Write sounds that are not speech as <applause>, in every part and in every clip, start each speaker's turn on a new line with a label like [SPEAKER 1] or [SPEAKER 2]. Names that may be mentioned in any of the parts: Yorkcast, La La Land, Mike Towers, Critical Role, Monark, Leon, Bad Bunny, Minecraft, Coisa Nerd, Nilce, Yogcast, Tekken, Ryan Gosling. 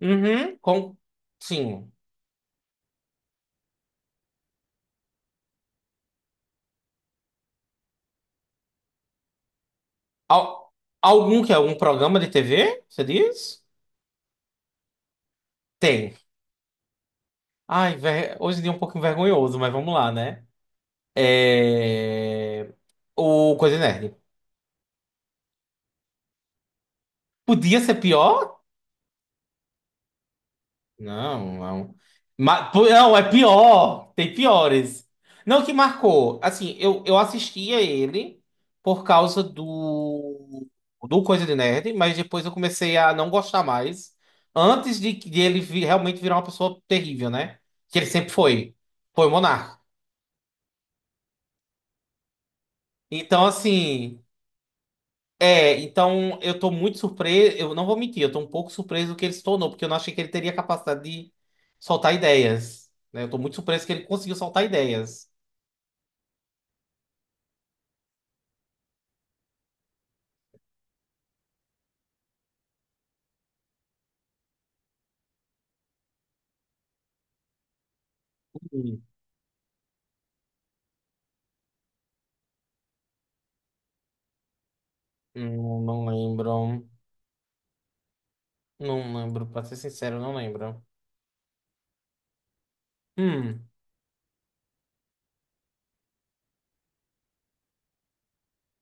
[SPEAKER 1] Uhum, com... Sim. Al- Algum que é algum programa de TV? Você diz? Tem. Ai, hoje em dia é um pouco vergonhoso, mas vamos lá, né? É... O Coisa Nerd. Podia ser pior? Não, não. Não, é pior. Tem piores. Não, que marcou. Assim, eu assistia ele por causa do Coisa de Nerd, mas depois eu comecei a não gostar mais. Antes de ele realmente virar uma pessoa terrível, né? Que ele sempre foi. Foi o Monark. Então, assim. É, então eu tô muito surpreso, eu não vou mentir, eu tô um pouco surpreso que ele se tornou, porque eu não achei que ele teria capacidade de soltar ideias, né? Eu tô muito surpreso que ele conseguiu soltar ideias. Hum. Não lembro, não lembro, pra ser sincero, eu não lembro. Hum,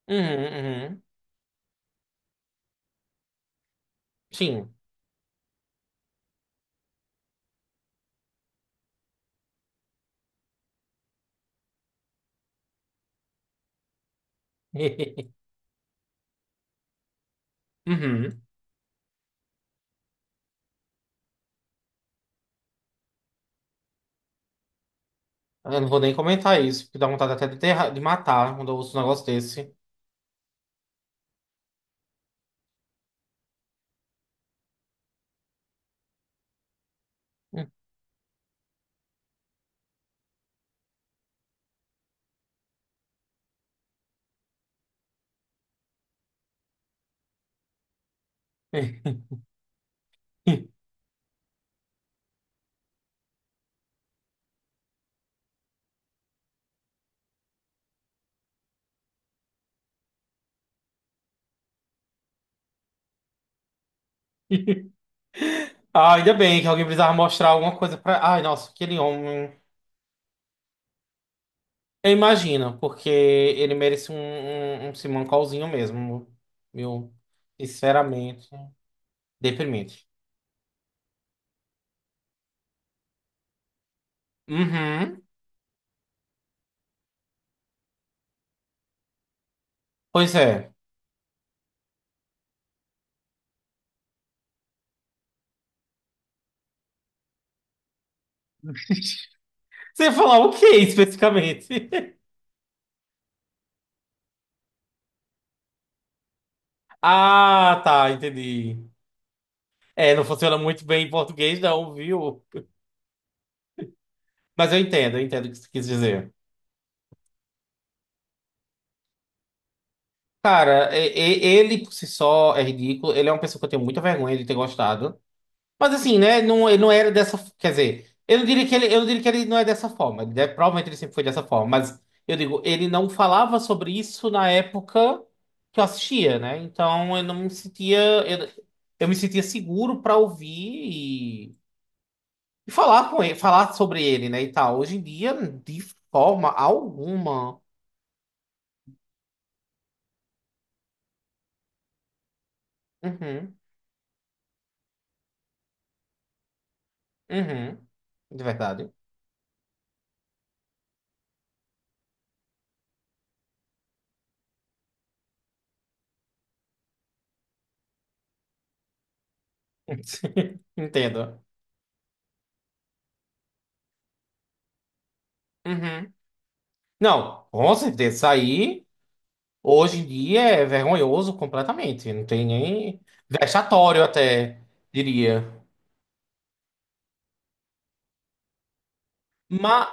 [SPEAKER 1] uhum, uhum. Sim. <laughs> Uhum. Eu não vou nem comentar isso, porque dá vontade até de matar quando eu ouço um negócio desse. <laughs> Ah, ainda bem que alguém precisava mostrar alguma coisa pra. Ai, nossa, aquele homem. Eu imagino, porque ele merece um Simancolzinho mesmo, meu. Sinceramente, deprimente. Uhum. Pois é. Você ia falar o que especificamente? <laughs> Ah, tá, entendi. É, não funciona muito bem em português, não, viu? Mas eu entendo o que você quis dizer. Cara, ele por si só é ridículo. Ele é uma pessoa que eu tenho muita vergonha de ter gostado. Mas assim, né? Não, ele não era dessa. Quer dizer, eu não diria que ele, eu não diria que ele não é dessa forma. Provavelmente ele sempre foi dessa forma. Mas eu digo, ele não falava sobre isso na época que eu assistia, né? Então eu não me sentia. Eu, eu me sentia seguro para ouvir e, e falar com ele, falar sobre ele, né? E tal. Hoje em dia, de forma alguma. Uhum, uhum. De verdade. <laughs> Entendo. Uhum. Não, com certeza, isso aí. Hoje em dia é vergonhoso completamente, não tem nem vexatório até, diria. Mas,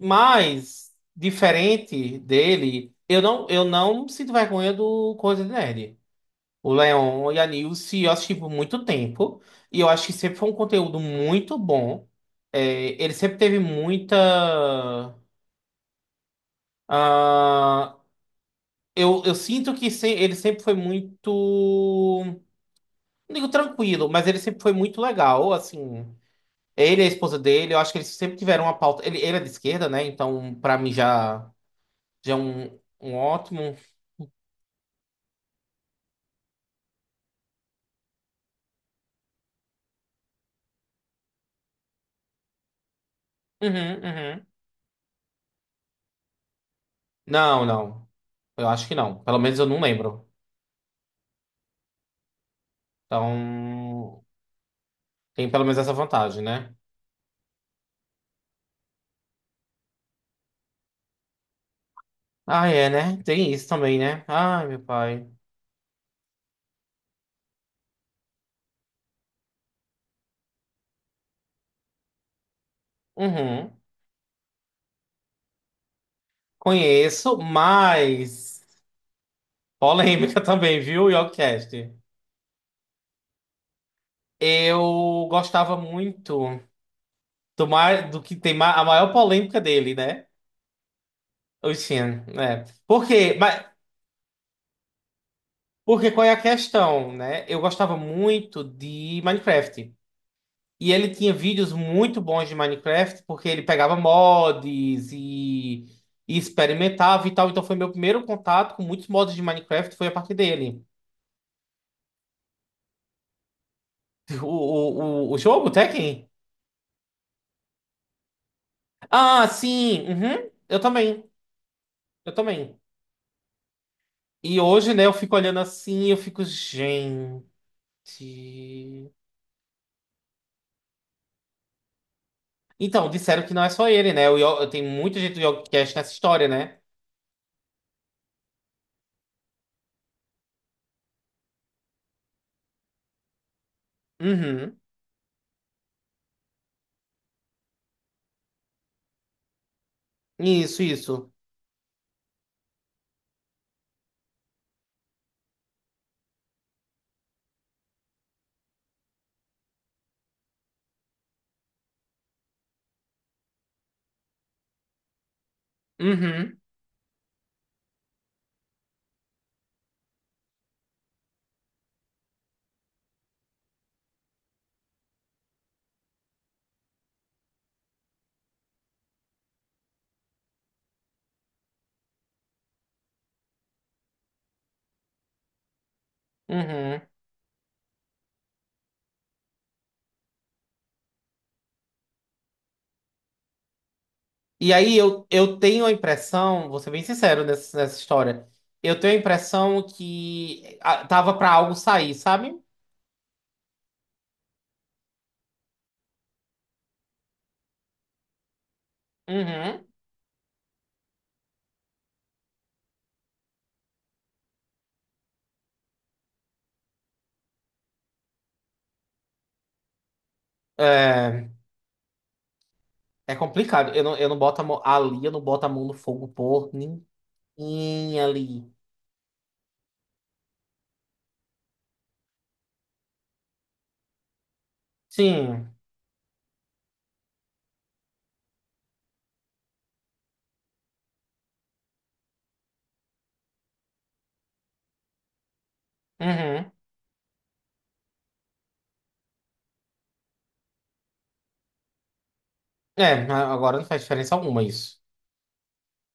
[SPEAKER 1] mas diferente dele, eu não sinto vergonha do Coisa de Nerd. O Leon e a Nilce eu assisti por muito tempo e eu acho que sempre foi um conteúdo muito bom. É, ele sempre teve muita. Ah, eu sinto que ele sempre foi muito. Não digo tranquilo, mas ele sempre foi muito legal, assim. Ele e a esposa dele, eu acho que eles sempre tiveram uma pauta. Ele é de esquerda, né? Então, pra mim, já, já é um ótimo. Uhum, uhum. Não, não. Eu acho que não. Pelo menos eu não lembro. Então, tem pelo menos essa vantagem, né? Ah, é, né? Tem isso também, né? Ai, meu pai. Uhum. Conheço, mas. Polêmica <laughs> também, viu, Yorkcast? Eu gostava muito do, mais, do que tem a maior polêmica dele, né? Oxi, né? Porque, porque qual é a questão, né? Eu gostava muito de Minecraft. E ele tinha vídeos muito bons de Minecraft, porque ele pegava mods e experimentava e tal. Então foi meu primeiro contato com muitos mods de Minecraft, foi a partir dele. O jogo, o Tekken? Ah, sim. Uhum, eu também. Eu também. E hoje, né, eu fico olhando assim, eu fico, gente. Então, disseram que não é só ele, né? Tem muita gente do Yogcast nessa história, né? Uhum. Isso, isso. Uhum, uhum. E aí eu tenho a impressão, vou ser bem sincero nessa, nessa história, eu tenho a impressão que ah, tava pra algo sair, sabe? Uhum. É, é complicado. Eu não boto a mão ali, eu não boto a mão no fogo por ninguém ali. Sim. Uhum. É, agora não faz diferença alguma isso.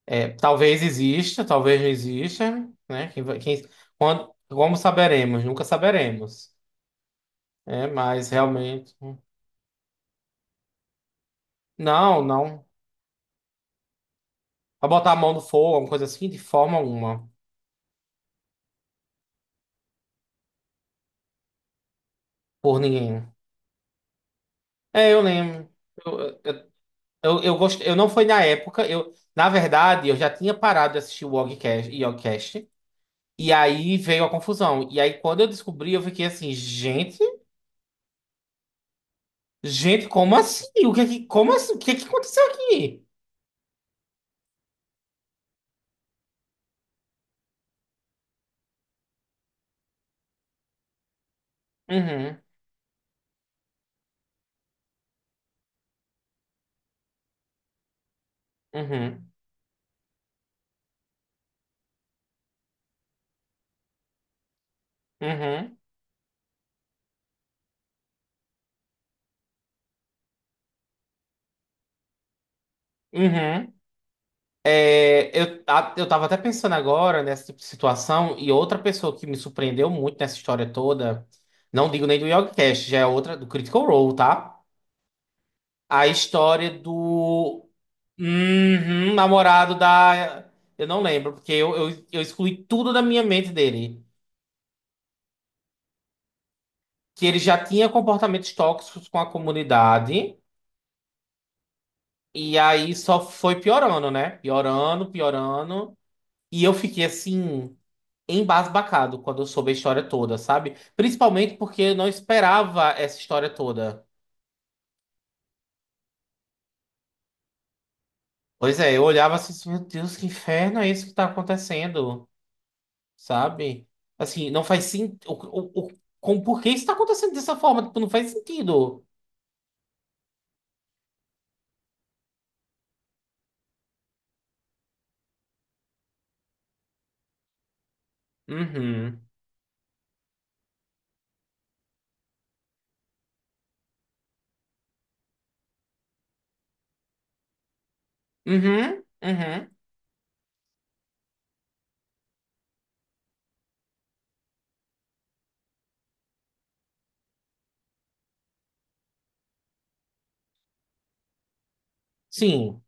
[SPEAKER 1] É, talvez exista, talvez não exista, né? Quando, como saberemos? Nunca saberemos. É, mas realmente. Não, não. Pra botar a mão no fogo, alguma coisa assim, de forma alguma. Por ninguém. É, eu lembro. Eu, eu, eu gostei. Eu não foi na época. Eu, na verdade, eu já tinha parado de assistir o Yogicast, Yogicast. E aí veio a confusão. E aí, quando eu descobri, eu fiquei assim, gente, gente, como assim? O que é que, como assim? O que é que aconteceu aqui? Uhum, uhum, uhum, uhum. É, eu tava até pensando agora nessa tipo de situação, e outra pessoa que me surpreendeu muito nessa história toda, não digo nem do YogiCast, já é outra, do Critical Role, tá? A história do uhum, namorado da. Eu não lembro, porque eu excluí tudo da minha mente dele. Que ele já tinha comportamentos tóxicos com a comunidade, e aí só foi piorando, né? Piorando, piorando. E eu fiquei assim, embasbacado quando eu soube a história toda, sabe? Principalmente porque eu não esperava essa história toda. Pois é, eu olhava assim, assim, meu Deus, que inferno é isso que tá acontecendo, sabe? Assim, não faz sentido. Por que isso tá acontecendo dessa forma? Tipo, não faz sentido. Uhum. Uhum. Uhum. Sim.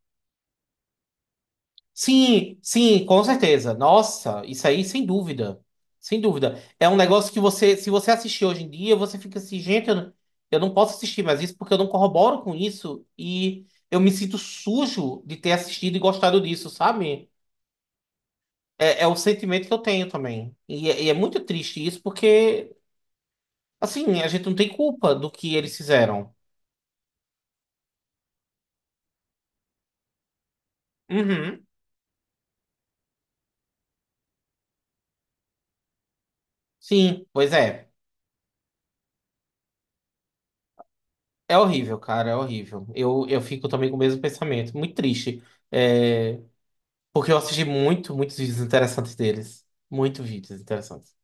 [SPEAKER 1] Sim, sim, com certeza. Nossa, isso aí sem dúvida. Sem dúvida. É um negócio que você, se você assistir hoje em dia, você fica assim, gente, eu não posso assistir mais isso porque eu não corroboro com isso e eu me sinto sujo de ter assistido e gostado disso, sabe? É, é o sentimento que eu tenho também. E é muito triste isso porque, assim, a gente não tem culpa do que eles fizeram. Uhum. Sim, pois é. É horrível, cara, é horrível. Eu fico também com o mesmo pensamento. Muito triste. É, porque eu assisti muito, muitos vídeos interessantes deles. Muito vídeos interessantes.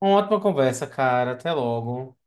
[SPEAKER 1] Uma ótima conversa, cara. Até logo.